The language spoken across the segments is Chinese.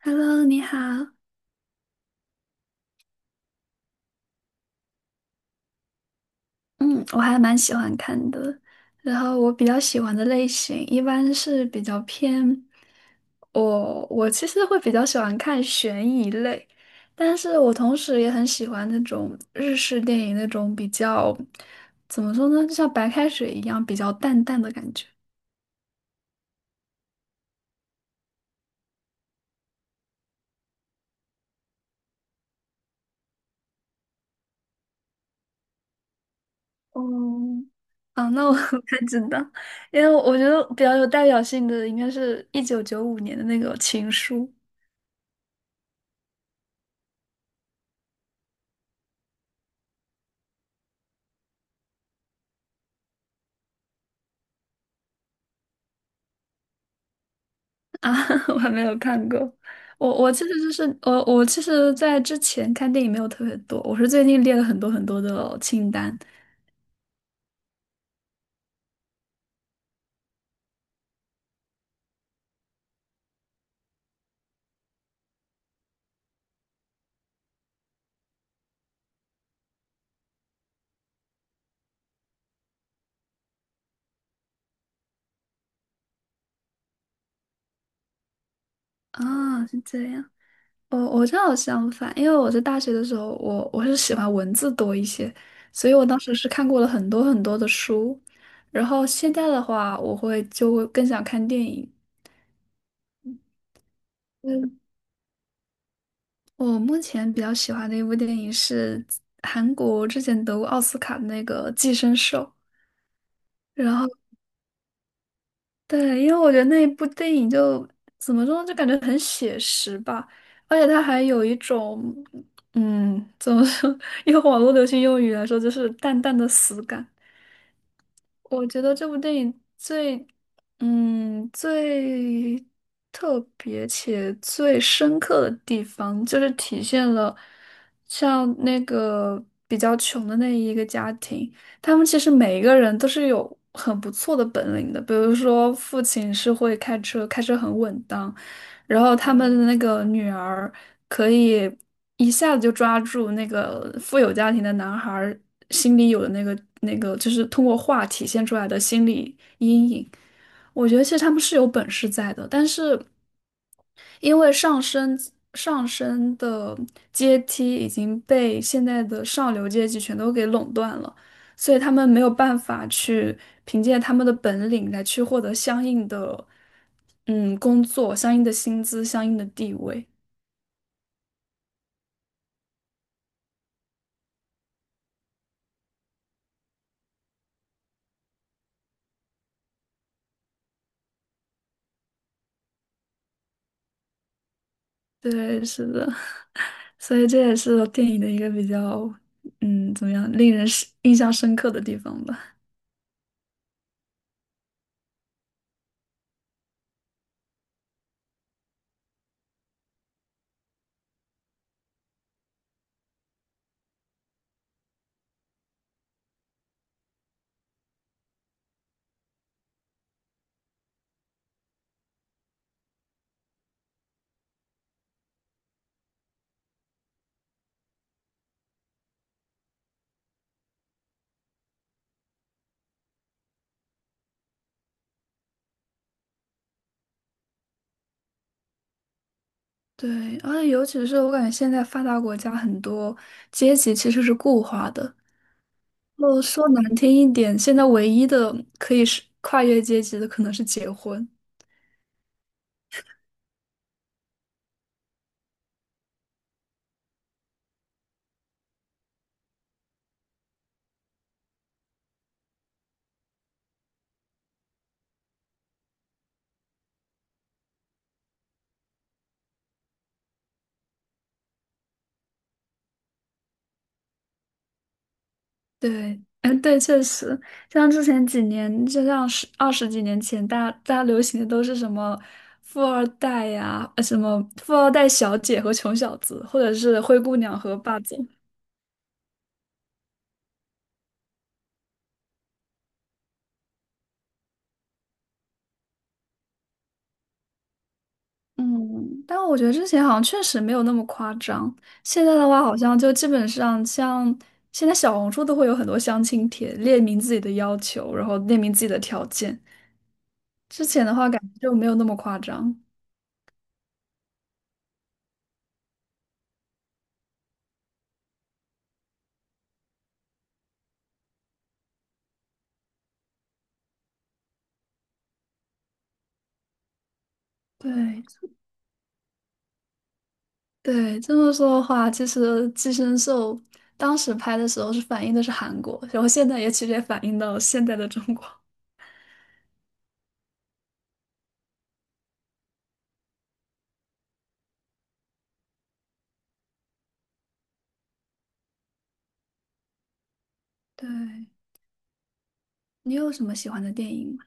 Hello，你好。嗯，我还蛮喜欢看的。然后我比较喜欢的类型一般是比较偏我，我其实会比较喜欢看悬疑类，但是我同时也很喜欢那种日式电影那种比较，怎么说呢，就像白开水一样比较淡淡的感觉。哦，啊，那我 不太知道，因为我觉得比较有代表性的应该是1995年的那个《情书》。啊，我还没有看过。我其实，在之前看电影没有特别多，我是最近列了很多很多的清单。啊，是这样。我正好相反，因为我在大学的时候，我是喜欢文字多一些，所以我当时是看过了很多很多的书。然后现在的话，就会更想看电影。嗯，我目前比较喜欢的一部电影是韩国之前得过奥斯卡的那个《寄生兽》。然后。对，因为我觉得那一部电影就怎么说呢，就感觉很写实吧，而且它还有一种，怎么说，用网络流行用语来说，就是淡淡的死感。我觉得这部电影最特别且最深刻的地方，就是体现了像那个比较穷的那一个家庭，他们其实每一个人都是有很不错的本领的。比如说，父亲是会开车，开车很稳当，然后他们的那个女儿。可以一下子就抓住那个富有家庭的男孩儿心里有的那个，就是通过画体现出来的心理阴影。我觉得其实他们是有本事在的，但是因为上升的阶梯已经被现在的上流阶级全都给垄断了，所以他们没有办法去凭借他们的本领来去获得相应的工作、相应的薪资、相应的地位。对，是的，所以这也是电影的一个比较，怎么样，令人是印象深刻的地方吧。对，而且尤其是我感觉现在发达国家很多阶级其实是固化的。我说难听一点，现在唯一的可以是跨越阶级的可能是结婚。对，哎，对，确实，像之前几年，就像十二十几年前，大家流行的都是什么富二代呀，呃，什么富二代小姐和穷小子，或者是灰姑娘和霸总。嗯，但我觉得之前好像确实没有那么夸张。现在的话，好像就基本上像现在小红书都会有很多相亲帖，列明自己的要求，然后列明自己的条件。之前的话，感觉就没有那么夸张。对，对，这么说的话，其实《寄生兽》当时拍的时候是反映的是韩国，然后现在也其实也反映到现在的中国。对，你有什么喜欢的电影吗？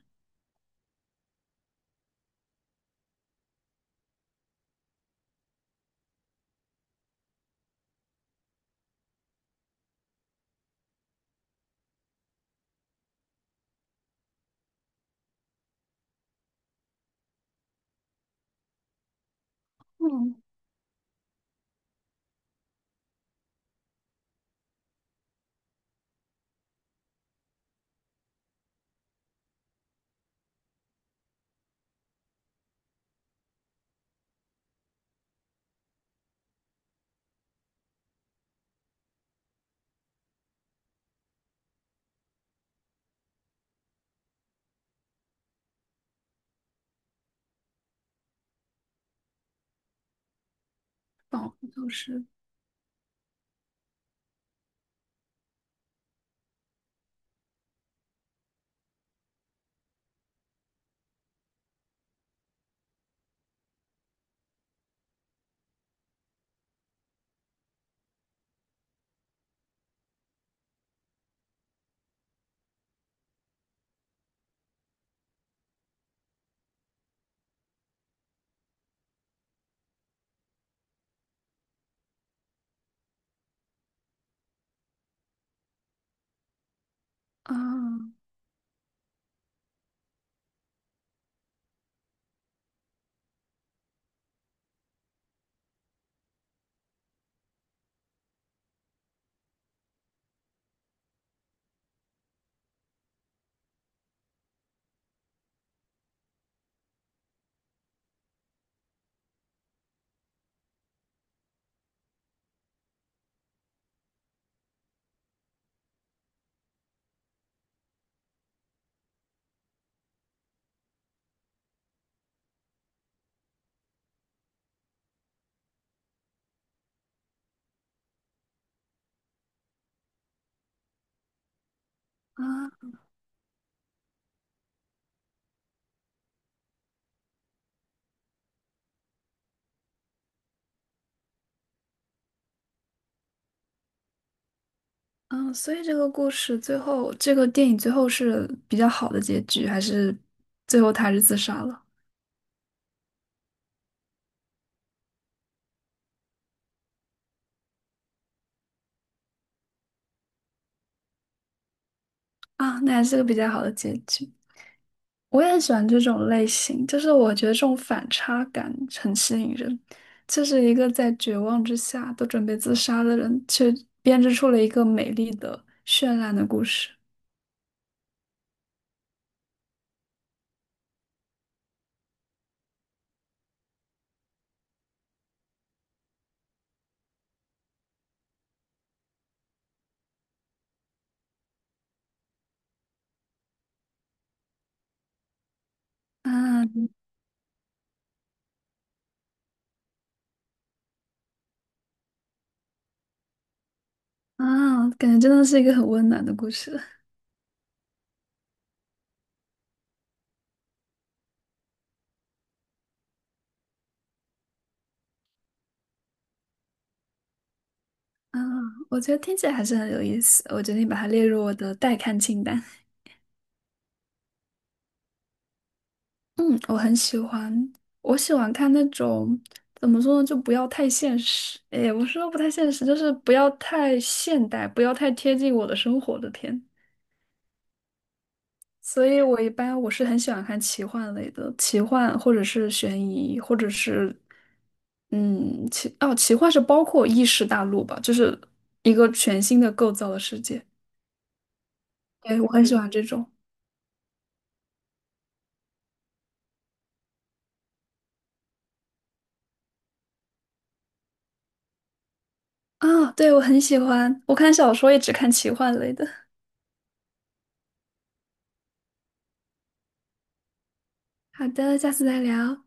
嗯，保护就是啊啊啊！所以这个故事最后，这个电影最后是比较好的结局，还是最后他还是自杀了？啊，那还是个比较好的结局。我也很喜欢这种类型，就是我觉得这种反差感很吸引人。就是一个在绝望之下都准备自杀的人，却编织出了一个美丽的、绚烂的故事。啊啊，感觉真的是一个很温暖的故事。啊，我觉得听起来还是很有意思，我决定把它列入我的待看清单。嗯，我很喜欢，我喜欢看那种怎么说呢，就不要太现实。哎，我说不太现实，就是不要太现代，不要太贴近我的生活的片。所以我一般我是很喜欢看奇幻类的，奇幻或者是悬疑，或者是嗯奇哦奇幻是包括异世大陆吧，就是一个全新的构造的世界。对，我很喜欢这种啊，对，我很喜欢，我看小说也只看奇幻类的。好的，下次再聊。